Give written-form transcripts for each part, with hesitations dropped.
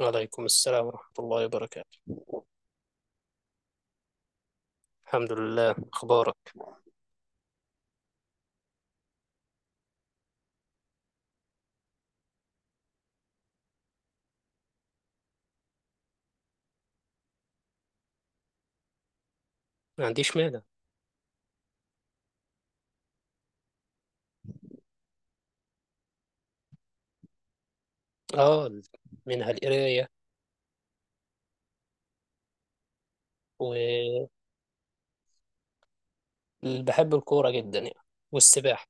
وعليكم السلام ورحمة الله وبركاته. الحمد لله، أخبارك؟ ما عنديش مانع. آه، منها القراية. وبحب الكورة جدا يعني، والسباحة.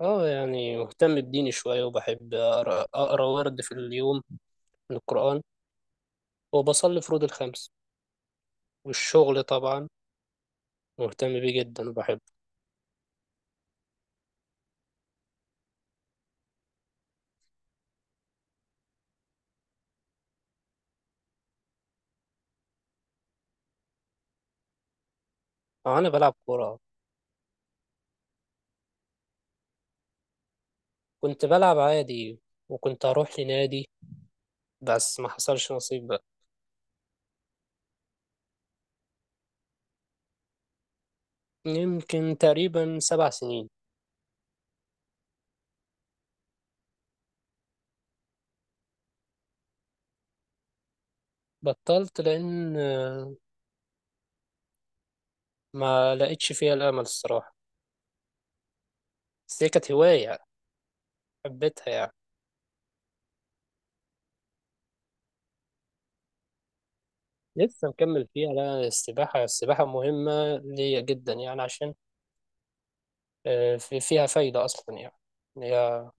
آه، يعني مهتم بديني شوية وبحب أقرأ ورد في اليوم من القرآن. وبصلي فروض الخمس والشغل طبعا مهتم بيه جدا وبحبه. آه، أنا بلعب كورة. كنت بلعب عادي وكنت أروح لنادي، بس ما حصلش نصيب بقى. يمكن تقريبا 7 سنين. بطلت لأن ما لقيتش فيها الامل الصراحه، بس هي كانت هوايه حبيتها يعني. لسه مكمل فيها، لا، السباحه السباحه مهمه ليا جدا يعني، عشان فيها فايده اصلا يعني. هي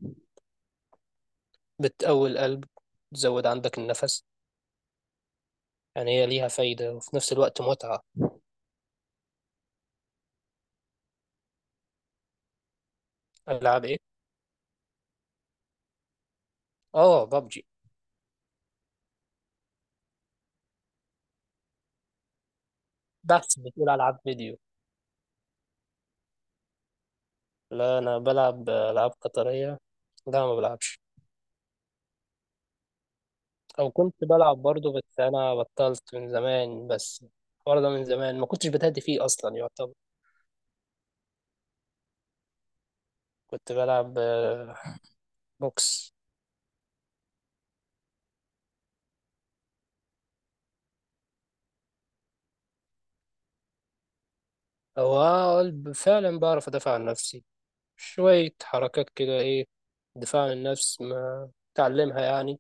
بتقوي القلب، تزود عندك النفس، يعني هي ليها فايده وفي نفس الوقت متعه. العاب ايه؟ اه، ببجي. بس بتقول العاب فيديو؟ لا، انا بلعب العاب قطريه، لا ما بلعبش. او كنت بلعب برضه، بس انا بطلت من زمان، بس برضه من زمان ما كنتش بتهدي فيه اصلا يعتبر. كنت بلعب بوكس. أو أقول فعلا بعرف أدافع عن نفسي، شوية حركات كده إيه، دفاع عن النفس ما تعلمها يعني.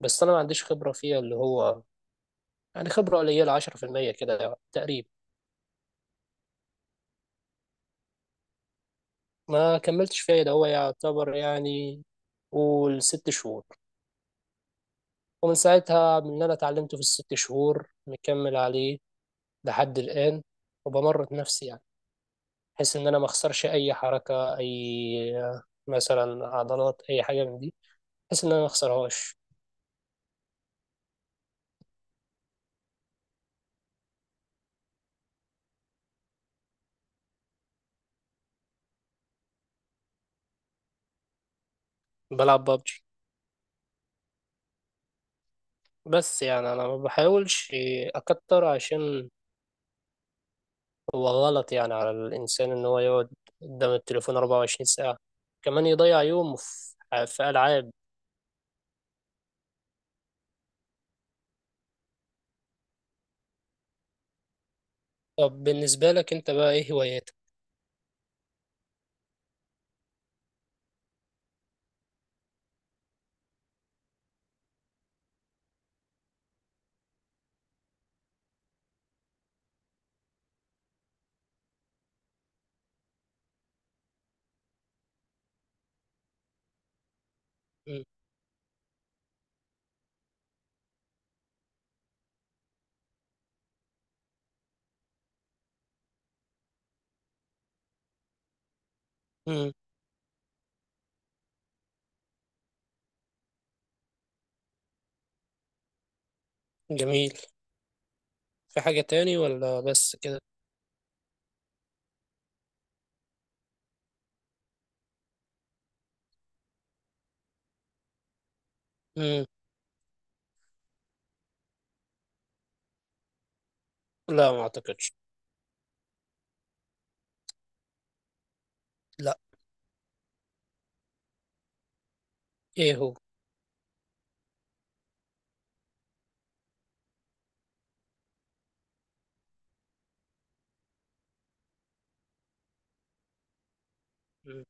بس أنا ما عنديش خبرة فيها اللي هو، يعني خبرة قليلة، 10% كده يعني تقريبا. ما كملتش فيها ده هو يعتبر يعني، قول 6 شهور. ومن ساعتها، من اللي أنا اتعلمته في الست شهور مكمل عليه لحد الآن. وبمرن نفسي يعني بحيث ان انا ما اخسرش اي حركه، اي مثلا عضلات، اي حاجه من دي، بحيث ان انا ما اخسرهاش. بلعب ببجي. بس يعني انا ما بحاولش اكتر، عشان هو غلط يعني على الانسان ان هو يقعد قدام التليفون 24 ساعه، كمان يضيع يومه في العاب. طب بالنسبه لك انت بقى ايه هواياتك؟ مم. مم. جميل. في حاجه تاني ولا بس كده؟ مم. لا، ما اعتقدش. لا. ايه هو؟ مم.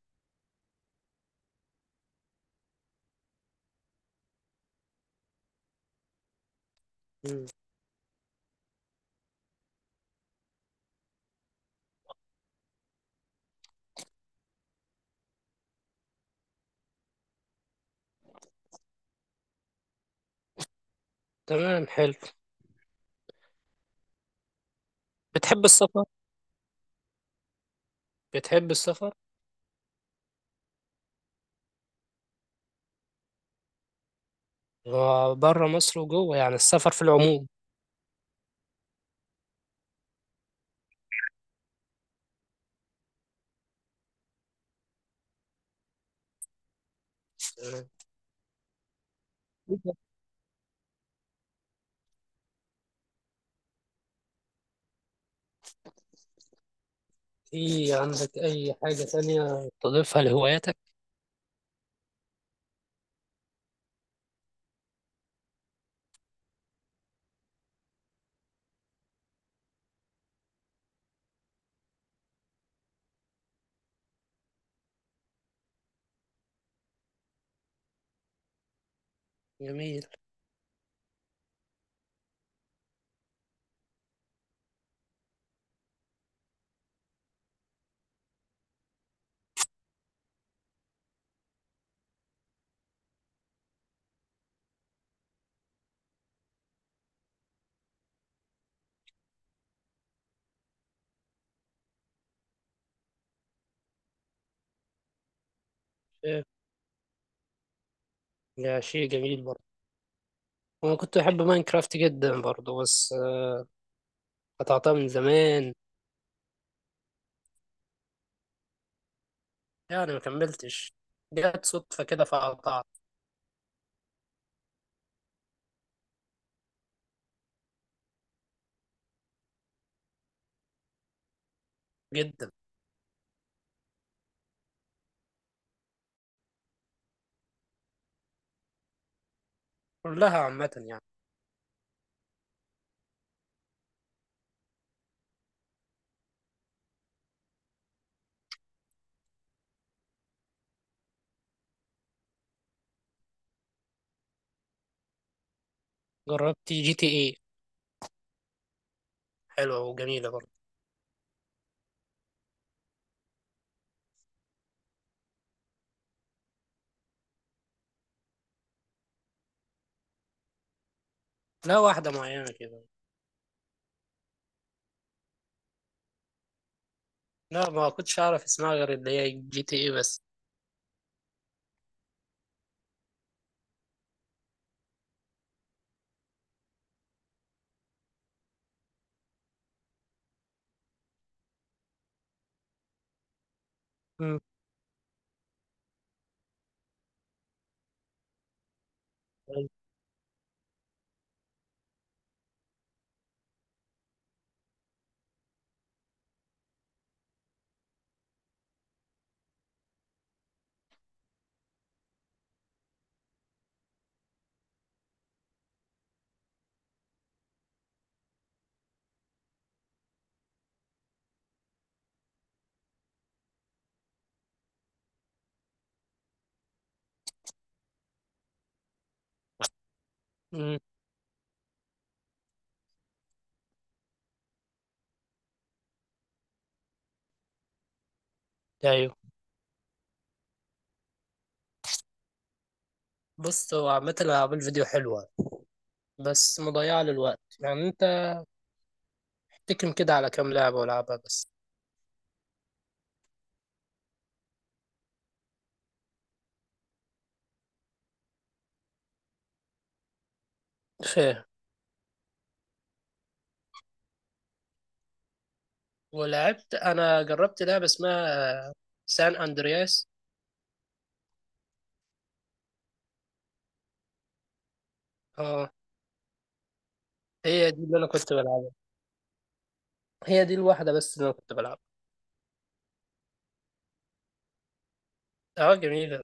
مم. تمام، حلو. بتحب السفر؟ بتحب السفر؟ بره مصر وجوه، يعني السفر في العموم. تمام. في عندك أي حاجة تانية تضيفها لهواياتك؟ جميل. إيه، ده شيء جميل برضه. أنا كنت بحب ماينكرافت جدا برضه، بس قطعتها من زمان. يعني ما كملتش، جت صدفة كده فقطعت. جدا. كلها عامة يعني. جربت جي تي ايه، حلوة وجميلة برضه. لا، واحدة معينة كده. لا، ما كنتش أعرف اسمها غير اللي هي جي تي ايه بس. مم. مم. أيوة. بص، هو عامة الألعاب الفيديو حلوة بس مضيعة للوقت، يعني أنت تكم كده على كام لعبة ولعبها بس. فاهم. ولعبت، أنا جربت لعبة اسمها سان أندرياس. اه. هي دي اللي أنا كنت بلعبها، هي دي الواحدة بس اللي أنا كنت بلعبها. اه، جميلة.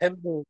تحب